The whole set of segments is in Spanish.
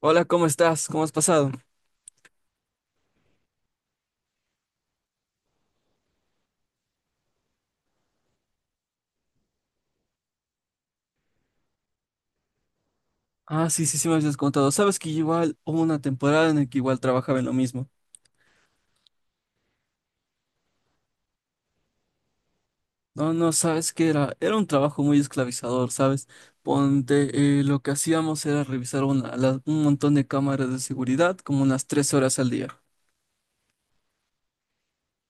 Hola, ¿cómo estás? ¿Cómo has pasado? Ah, sí, sí, sí me habías contado. Sabes que igual hubo una temporada en la que igual trabajaba en lo mismo. No, no, sabes que era un trabajo muy esclavizador, ¿sabes? Ponte, lo que hacíamos era revisar un montón de cámaras de seguridad como unas 3 horas al día.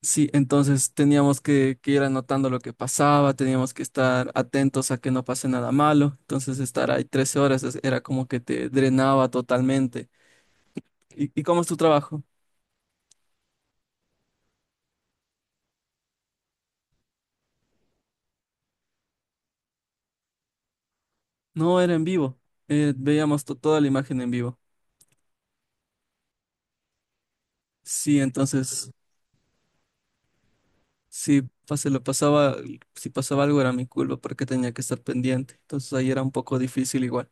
Sí, entonces teníamos que ir anotando lo que pasaba, teníamos que estar atentos a que no pase nada malo. Entonces estar ahí 13 horas era como que te drenaba totalmente. ¿Y cómo es tu trabajo? No, era en vivo. Veíamos toda la imagen en vivo. Sí, entonces, si pas- se lo pasaba, si pasaba algo era mi culpa porque tenía que estar pendiente. Entonces ahí era un poco difícil igual.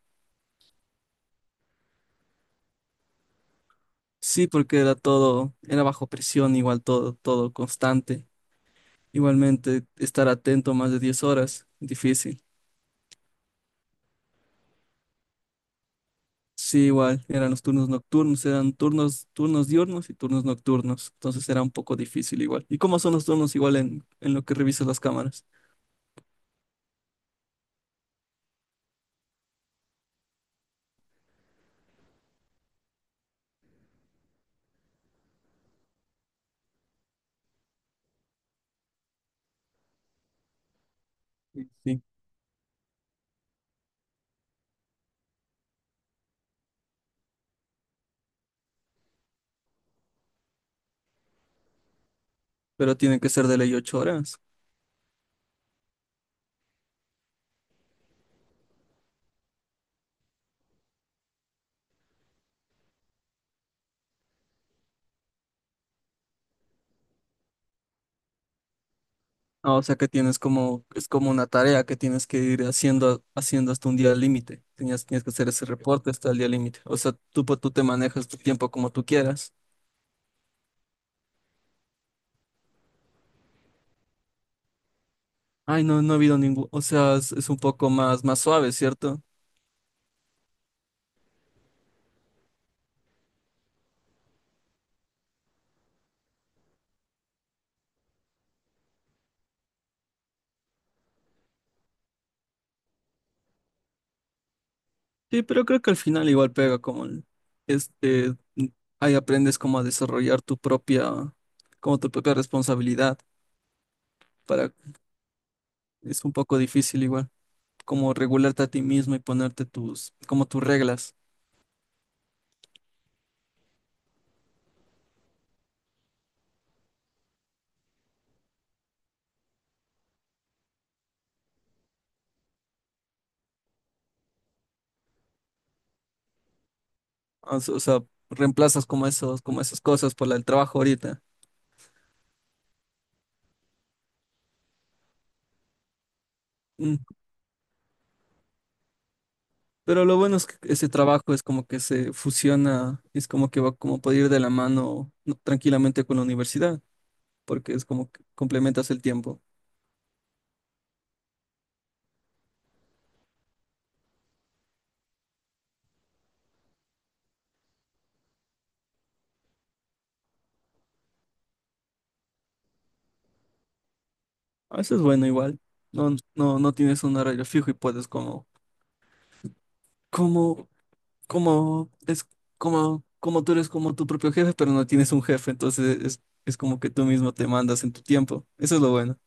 Sí, porque era todo, era bajo presión, igual todo constante. Igualmente, estar atento más de 10 horas, difícil. Sí, igual, eran los turnos nocturnos, eran turnos, turnos diurnos y turnos nocturnos. Entonces era un poco difícil igual. ¿Y cómo son los turnos igual en lo que revisas las cámaras? Sí. Pero tiene que ser de ley 8 horas. Ah, o sea que tienes como, es como una tarea que tienes que ir haciendo hasta un día límite. Tienes que hacer ese reporte hasta el día límite. O sea, tú, tú te manejas tu tiempo como tú quieras. Ay, no, no ha habido ningún, o sea, es un poco más, más suave, ¿cierto? Sí, pero creo que al final igual pega como este, ahí aprendes como a desarrollar tu propia, como tu propia responsabilidad para, es un poco difícil igual, como regularte a ti mismo y ponerte tus, como tus reglas. O sea, reemplazas como esos, como esas cosas por la del trabajo ahorita. Mm. Pero lo bueno es que ese trabajo es como que se fusiona, es como que va como puede ir de la mano no, tranquilamente con la universidad, porque es como que complementas el tiempo. A veces bueno igual. No, no, no tienes un horario fijo y puedes como, es como tú eres como tu propio jefe, pero no tienes un jefe, entonces es como que tú mismo te mandas en tu tiempo. Eso es lo bueno.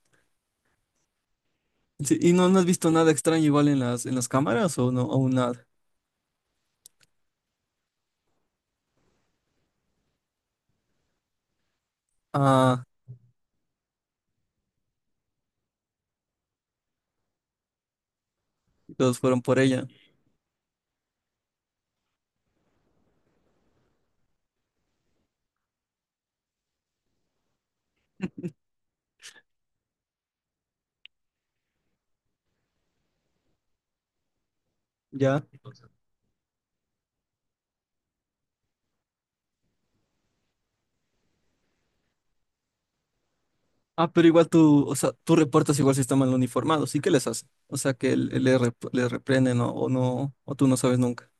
Sí, ¿y no, no has visto nada extraño igual en las cámaras o no, aún nada? Ah, todos fueron por ella, ya. Ah, pero igual tú, o sea, tú reportas igual si están mal uniformados, ¿y qué les hacen? O sea, que le, le reprenden o no, o tú no sabes nunca,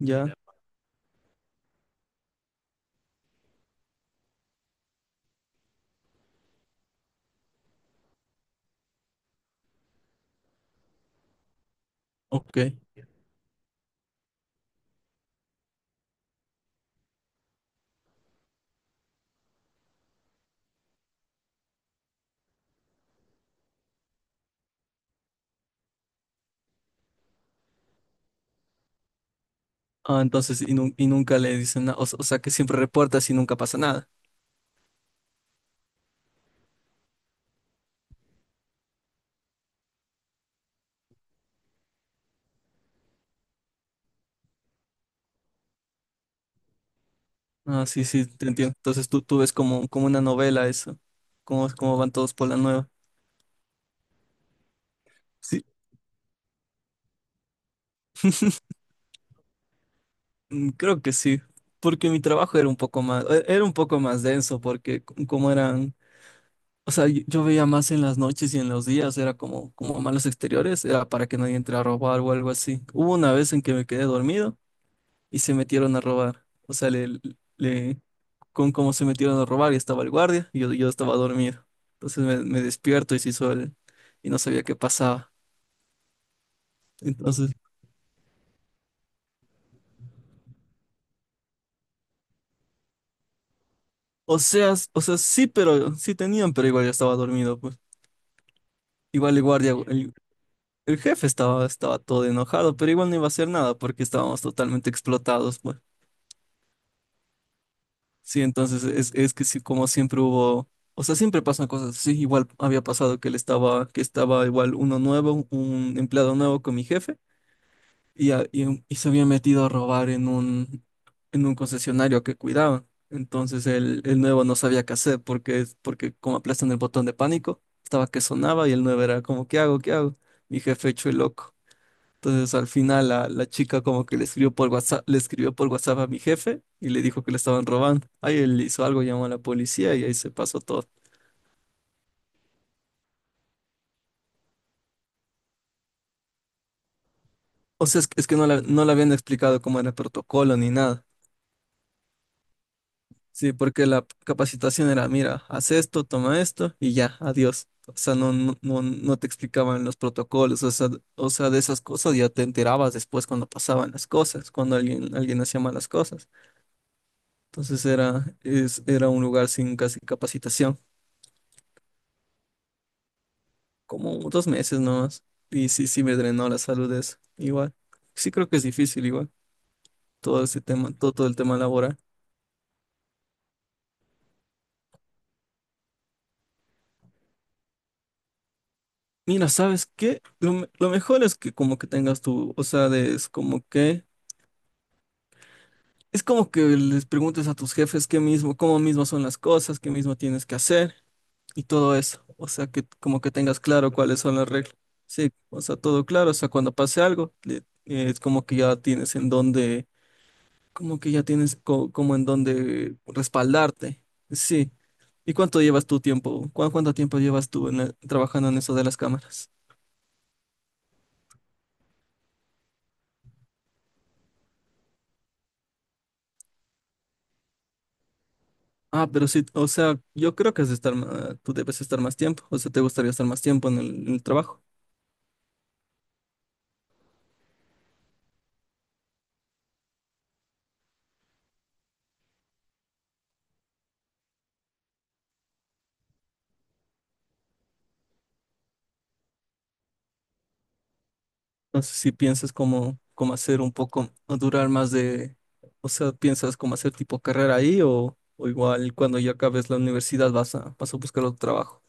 ya. Ok. Ah, entonces, y nunca le dicen nada, o, o sea, que siempre reportas y nunca pasa nada. Ah, sí, sí, te entiendo. Entonces tú ves como, como una novela eso, cómo, cómo van todos por la nueva. Sí. Mm. Creo que sí, porque mi trabajo era un poco más, era un poco más denso, porque como eran, o sea, yo veía más en las noches y en los días, era como, como malos exteriores, era para que nadie entre a robar o algo así. Hubo una vez en que me quedé dormido y se metieron a robar, o sea, le- con cómo se metieron a robar y estaba el guardia y yo estaba dormido. Entonces me despierto y se hizo el, y no sabía qué pasaba. Entonces, o sea, o sea, sí, pero sí tenían, pero igual yo estaba dormido, pues. Igual el guardia, el. El jefe estaba todo enojado, pero igual no iba a hacer nada porque estábamos totalmente explotados, pues. Sí, entonces es que sí, como siempre hubo, o sea, siempre pasan cosas. Sí. Igual había pasado que él estaba, que estaba igual uno nuevo, un empleado nuevo con mi jefe, y se había metido a robar en un concesionario que cuidaba. Entonces el nuevo no sabía qué hacer porque, porque como aplastan el botón de pánico, estaba que sonaba y el nuevo era como, ¿qué hago? ¿Qué hago? Mi jefe hecho el loco. Entonces al final la, la chica como que le escribió por WhatsApp, le escribió por WhatsApp a mi jefe y le dijo que le estaban robando. Ahí él hizo algo, llamó a la policía y ahí se pasó todo. O sea, es que no, no le habían explicado cómo era el protocolo ni nada. Sí, porque la capacitación era, mira, haz esto, toma esto y ya, adiós. O sea, no te explicaban los protocolos, o sea, de esas cosas ya te enterabas después cuando pasaban las cosas, cuando alguien, alguien hacía malas cosas. Entonces era, es, era un lugar sin casi capacitación. Como 2 meses nomás. Y sí, sí me drenó la salud eso. Igual. Sí creo que es difícil igual. Todo ese tema, todo, todo el tema laboral. Mira, ¿sabes qué? Lo, lo mejor es que como que tengas tu, o sea, es como que les preguntes a tus jefes qué mismo, cómo mismo son las cosas, qué mismo tienes que hacer y todo eso. O sea, que como que tengas claro cuáles son las reglas. Sí, o sea, todo claro. O sea, cuando pase algo, es como que ya tienes en dónde. Como que ya tienes como en donde respaldarte. Sí. ¿Y cuánto llevas tu tiempo? ¿Cuánto tiempo llevas tú en trabajando en eso de las cámaras? Ah, pero sí, o sea, yo creo que has de estar, tú debes estar más tiempo, o sea, te gustaría estar más tiempo en el trabajo. Entonces, si piensas como, como hacer un poco, o durar más de, o sea, piensas como hacer tipo carrera ahí o igual cuando ya acabes la universidad vas a, vas a buscar otro trabajo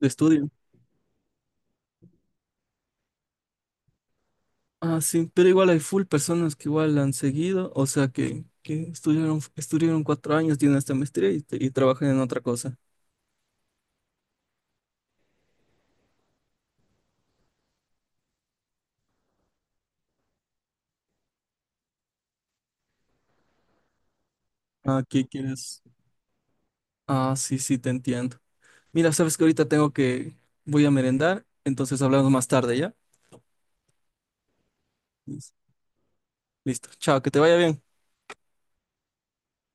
de estudio. Ah, sí, pero igual hay full personas que igual la han seguido, o sea, que estudiaron, estudiaron 4 años, tienen esta maestría y trabajan en otra cosa. Ah, ¿qué quieres? Ah, sí, sí, te entiendo. Mira, sabes que ahorita tengo que, voy a merendar, entonces hablamos más tarde, ¿ya? Listo, chao, que te vaya bien.